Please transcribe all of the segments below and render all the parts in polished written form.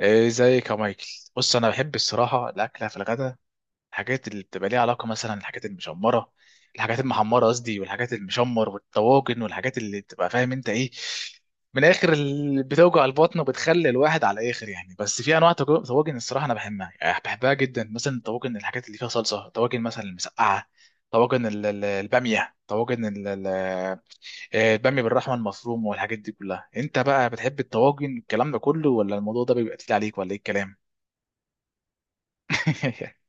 إيه ازيك يا مايكل. بص انا بحب الصراحه الاكله في الغداء، الحاجات اللي بتبقى ليها علاقه مثلا الحاجات المشمره، الحاجات المحمره قصدي، والحاجات المشمر والطواجن والحاجات اللي بتبقى فاهم انت ايه، من الاخر اللي بتوجع البطن وبتخلي الواحد على الاخر يعني. بس في انواع طواجن الصراحه انا بحبها، يعني بحبها جدا، مثلا طواجن الحاجات اللي فيها صلصه، طواجن مثلا المسقعه، طواجن الباميه، طواجن الباميه بالرحمه المفروم، والحاجات دي كلها. انت بقى بتحب الطواجن الكلام ده كله ولا الموضوع ده بيبقى تقيل عليك ولا ايه الكلام؟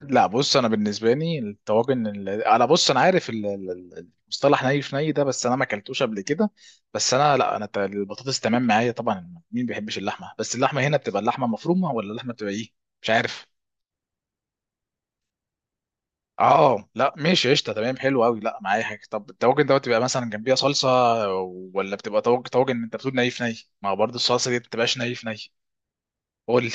لا بص، انا بالنسبه لي الطواجن انا بص انا عارف المصطلح ني في ني ده، بس انا ما اكلتوش قبل كده. بس انا لا انا ت- البطاطس تمام معايا طبعا، مين بيحبش اللحمه؟ بس اللحمه هنا بتبقى اللحمه مفرومه ولا اللحمه بتبقى ايه؟ مش عارف. اه لا ماشي، قشطه تمام، حلو قوي، لا معايا حاجه. طب الطواجن دوت بيبقى مثلا جنبيها صلصه ولا بتبقى طواجن انت بتقول ني في ني؟ ما هو برضه الصلصه دي ما بتبقاش ني في ني. قول لي.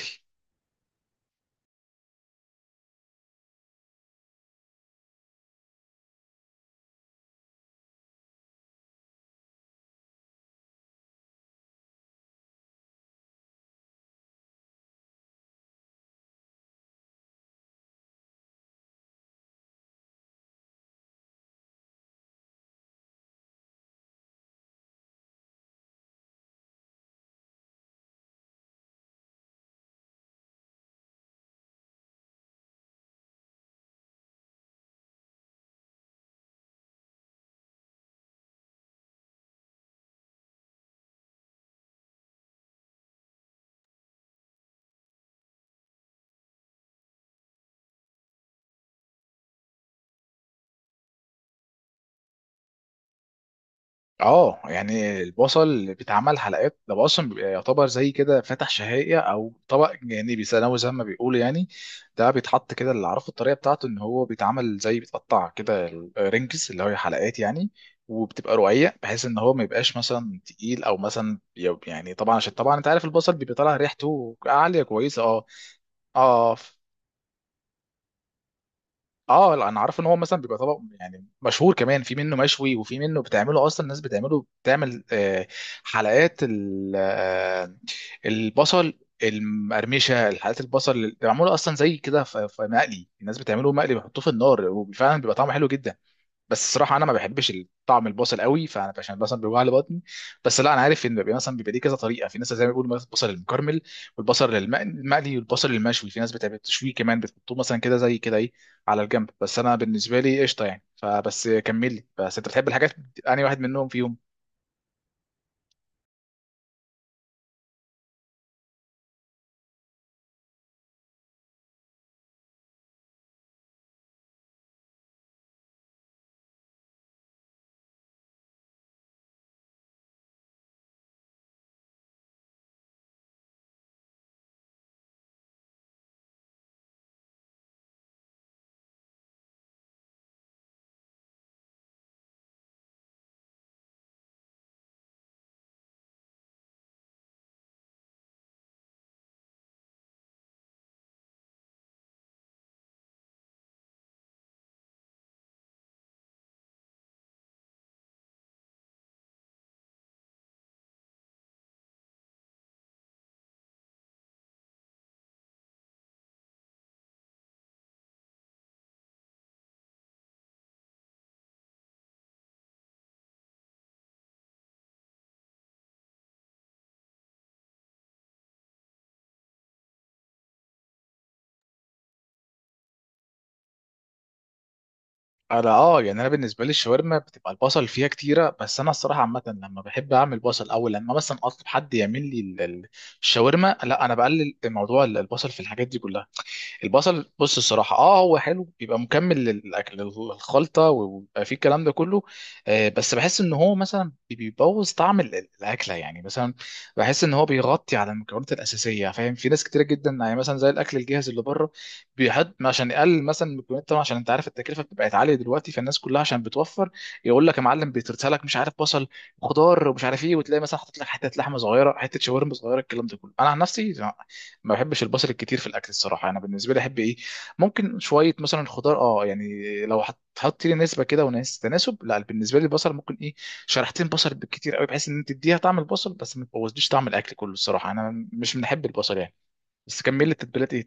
اه يعني البصل بيتعمل حلقات، ده بقى اصلا بيبقى يعتبر زي كده فاتح شهية او طبق جانبي ثانوي زي ما بيقولوا يعني. ده بيتحط كده، اللي عرفه الطريقه بتاعته ان هو بيتعمل زي بيتقطع كده رنجز اللي هي حلقات يعني، وبتبقى رقيق بحيث ان هو ما يبقاش مثلا تقيل او مثلا يعني طبعا عشان طبعا انت عارف البصل بيبقى طالع ريحته عاليه كويسه. اه. اه. اه لا انا عارف ان هو مثلا بيبقى طبق يعني مشهور، كمان في منه مشوي وفي منه بتعمله اصلا، الناس بتعمله بتعمل حلقات البصل المقرمشه، حلقات البصل اللي معموله اصلا زي كده في مقلي، الناس بتعمله مقلي بيحطوه في النار وفعلا بيبقى طعمه حلو جدا. بس الصراحه انا ما بحبش طعم البصل قوي، فانا عشان مثلا بيوجع لي بطني. بس لا انا عارف ان بيبقى مثلا بيبقى ليه كذا طريقه، في ناس زي ما بيقولوا مثلا البصل المكرمل والبصل المقلي والبصل المشوي، في ناس بتعمل تشويه كمان بتحطوه مثلا كده زي كده ايه على الجنب. بس انا بالنسبه لي قشطه يعني، فبس كمل لي. بس انت بتحب الحاجات انهي واحد منهم فيهم؟ انا اه يعني انا بالنسبه لي الشاورما بتبقى البصل فيها كتيره، بس انا الصراحه عامه لما بحب اعمل بصل او لما مثلا اطلب حد يعمل لي الشاورما، لا انا بقلل موضوع البصل في الحاجات دي كلها. البصل بص الصراحة اه هو حلو، بيبقى مكمل للأكل للخلطة ويبقى فيه الكلام ده كله. آه بس بحس ان هو مثلا بيبوظ طعم الأكلة، يعني مثلا بحس ان هو بيغطي على المكونات الأساسية فاهم، في ناس كتيرة جدا يعني مثلا زي الأكل الجاهز اللي بره بيحط عشان يقلل مثلا المكونات، طبعا عشان انت عارف التكلفة بتبقى عالية دلوقتي فالناس كلها عشان بتوفر يقول لك يا معلم بيترسل لك مش عارف بصل، خضار، ومش عارف ايه، وتلاقي مثلا حاطط لك حتة لحمة صغيرة، حتة شاورما صغيرة، الكلام ده كله. انا عن نفسي ما بحبش البصل الكتير في الاكل الصراحه. انا بالنسبه لي احب ايه؟ ممكن شويه مثلا خضار اه يعني، لو هتحطي لي نسبه كده وناس تناسب. لا بالنسبه لي البصل ممكن ايه، شريحتين بصل بالكتير قوي، بحيث ان انت تديها طعم البصل بس ما تبوظليش طعم الاكل كله. الصراحه انا مش بنحب البصل يعني. بس كمل لي التتبيلات ايه.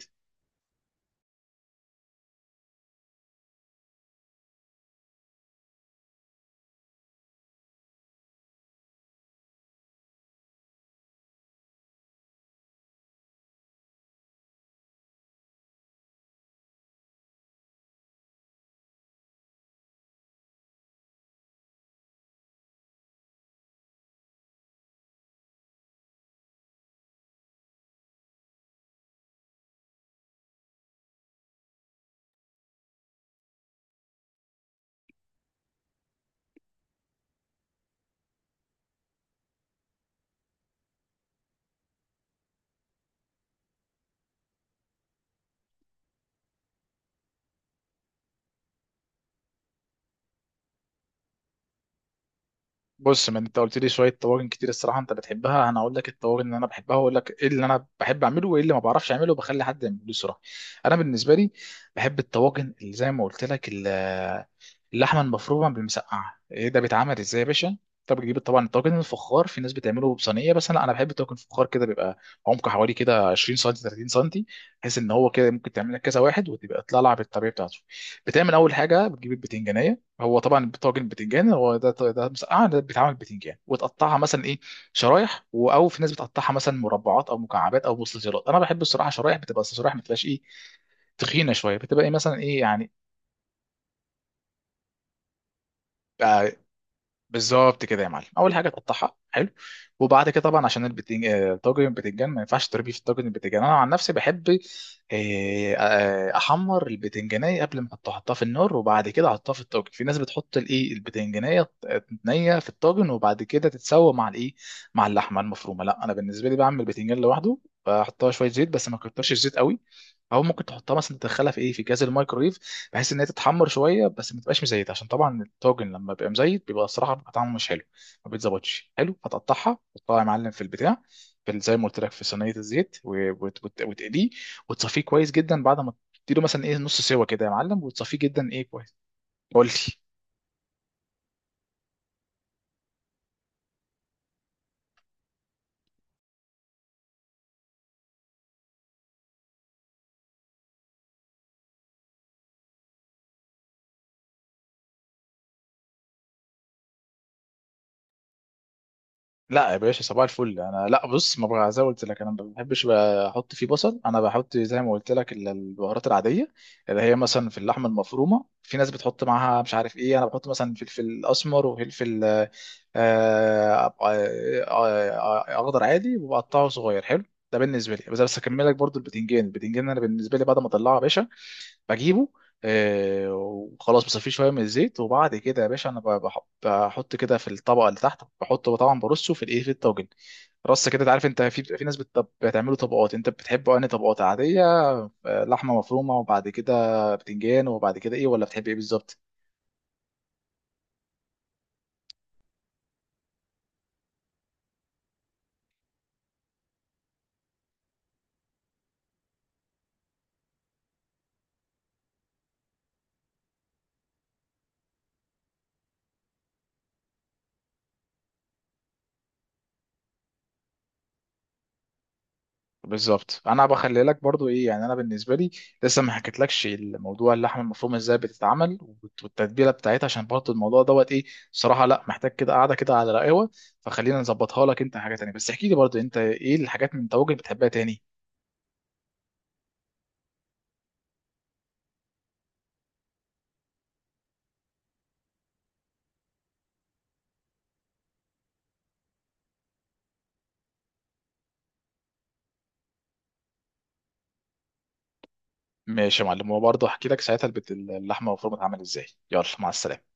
بص ما انت قلت لي شويه طواجن كتير الصراحه انت بتحبها، انا هقول لك الطواجن اللي انا بحبها، واقول لك ايه اللي انا بحب اعمله وايه اللي ما بعرفش اعمله وبخلي حد يعمله لي الصراحه. انا بالنسبه لي بحب الطواجن اللي زي ما قلت لك اللحمه المفرومه بالمسقعه. ايه ده بيتعمل ازاي يا باشا؟ انت بتجيب طبعا الطاجن الفخار، في ناس بتعمله بصينيه بس انا بحب الطاجن الفخار كده، بيبقى عمقه حوالي كده 20 سم 30 سم، بحيث ان هو كده ممكن تعمل لك كذا واحد وتبقى تطلع لها بالطريقه بتاعته. بتعمل اول حاجه بتجيب البتنجانيه، هو طبعا طاجن بتنجان، هو ده مسقعه، ده بيتعمل بتنجان وتقطعها مثلا ايه، شرايح او في ناس بتقطعها مثلا مربعات او مكعبات او مستطيلات. انا بحب الصراحه شرايح، بتبقى الشرايح ما تبقاش ايه، تخينه شويه، بتبقى ايه مثلا ايه يعني. آه، بالظبط كده يا معلم. اول حاجه تقطعها حلو وبعد كده طبعا عشان البتنج... آه، طاجن البتنجان ما ينفعش تربيه في الطاجن البتنجان. انا عن نفسي بحب احمر البتنجانيه قبل ما احطها، احطها في النار وبعد كده احطها في الطاجن. في ناس بتحط الايه البتنجانيه نيه في الطاجن وبعد كده تتسوى مع الايه، مع اللحمه المفرومه. لا انا بالنسبه لي بعمل البتنجان لوحده، بحطها شويه زيت بس ما كترش الزيت قوي، او ممكن تحطها مثلا تدخلها في ايه في كاس الميكرويف، بحيث ان هي تتحمر شويه بس ما تبقاش مزيت، عشان طبعا الطاجن لما بيبقى مزيت بيبقى الصراحه بيبقى طعمه مش حلو، ما بيتظبطش حلو. هتقطعها تحطها يا معلم في البتاع، في زي ما قلت لك في صينيه الزيت، وتقليه وتصفيه كويس جدا، بعد ما تديله مثلا ايه نص سوا كده يا معلم وتصفيه جدا ايه كويس. قول لي. لا يا باشا صباح الفل، انا لا بص ما بقى زي ما قلت لك انا ما بحبش بقى احط فيه بصل، انا بحط زي ما قلت لك البهارات العاديه، اللي هي مثلا في اللحمه المفرومه في ناس بتحط معاها مش عارف ايه، انا بحط مثلا فلفل اسمر وفلفل آه، آه، اخضر عادي وبقطعه صغير حلو. ده بالنسبه لي. بس بس اكمل لك برضو البتنجان. البتنجان انا بالنسبه لي بعد ما اطلعه يا باشا بجيبه وخلاص بصفيه شويه من الزيت، وبعد كده يا باشا انا بحط كده في الطبقه اللي تحت، بحطه طبعا برصه في الايه في الطاجن، رص كده. تعرف انت في ناس بتعمله طبقات، انت بتحبه انهي طبقات عاديه، آه، لحمه مفرومه وبعد كده بتنجان وبعد كده ايه، ولا بتحب ايه بالظبط؟ بالظبط. انا بخلي لك برضو ايه يعني، انا بالنسبه لي لسه ما حكيتلكش الموضوع اللحمه المفرومه ازاي بتتعمل والتتبيله بتاعتها، عشان برضو الموضوع دوت ايه بصراحه لا محتاج كده قاعده كده على رقاوه، فخلينا نظبطها لك انت حاجه تانية. بس احكي لي برضو انت ايه الحاجات من طواجن بتحبها تاني. ماشي يا معلم، وبرضو احكي لك ساعتها اللحمه المفرومه بتتعمل ازاي. يلا مع السلامه.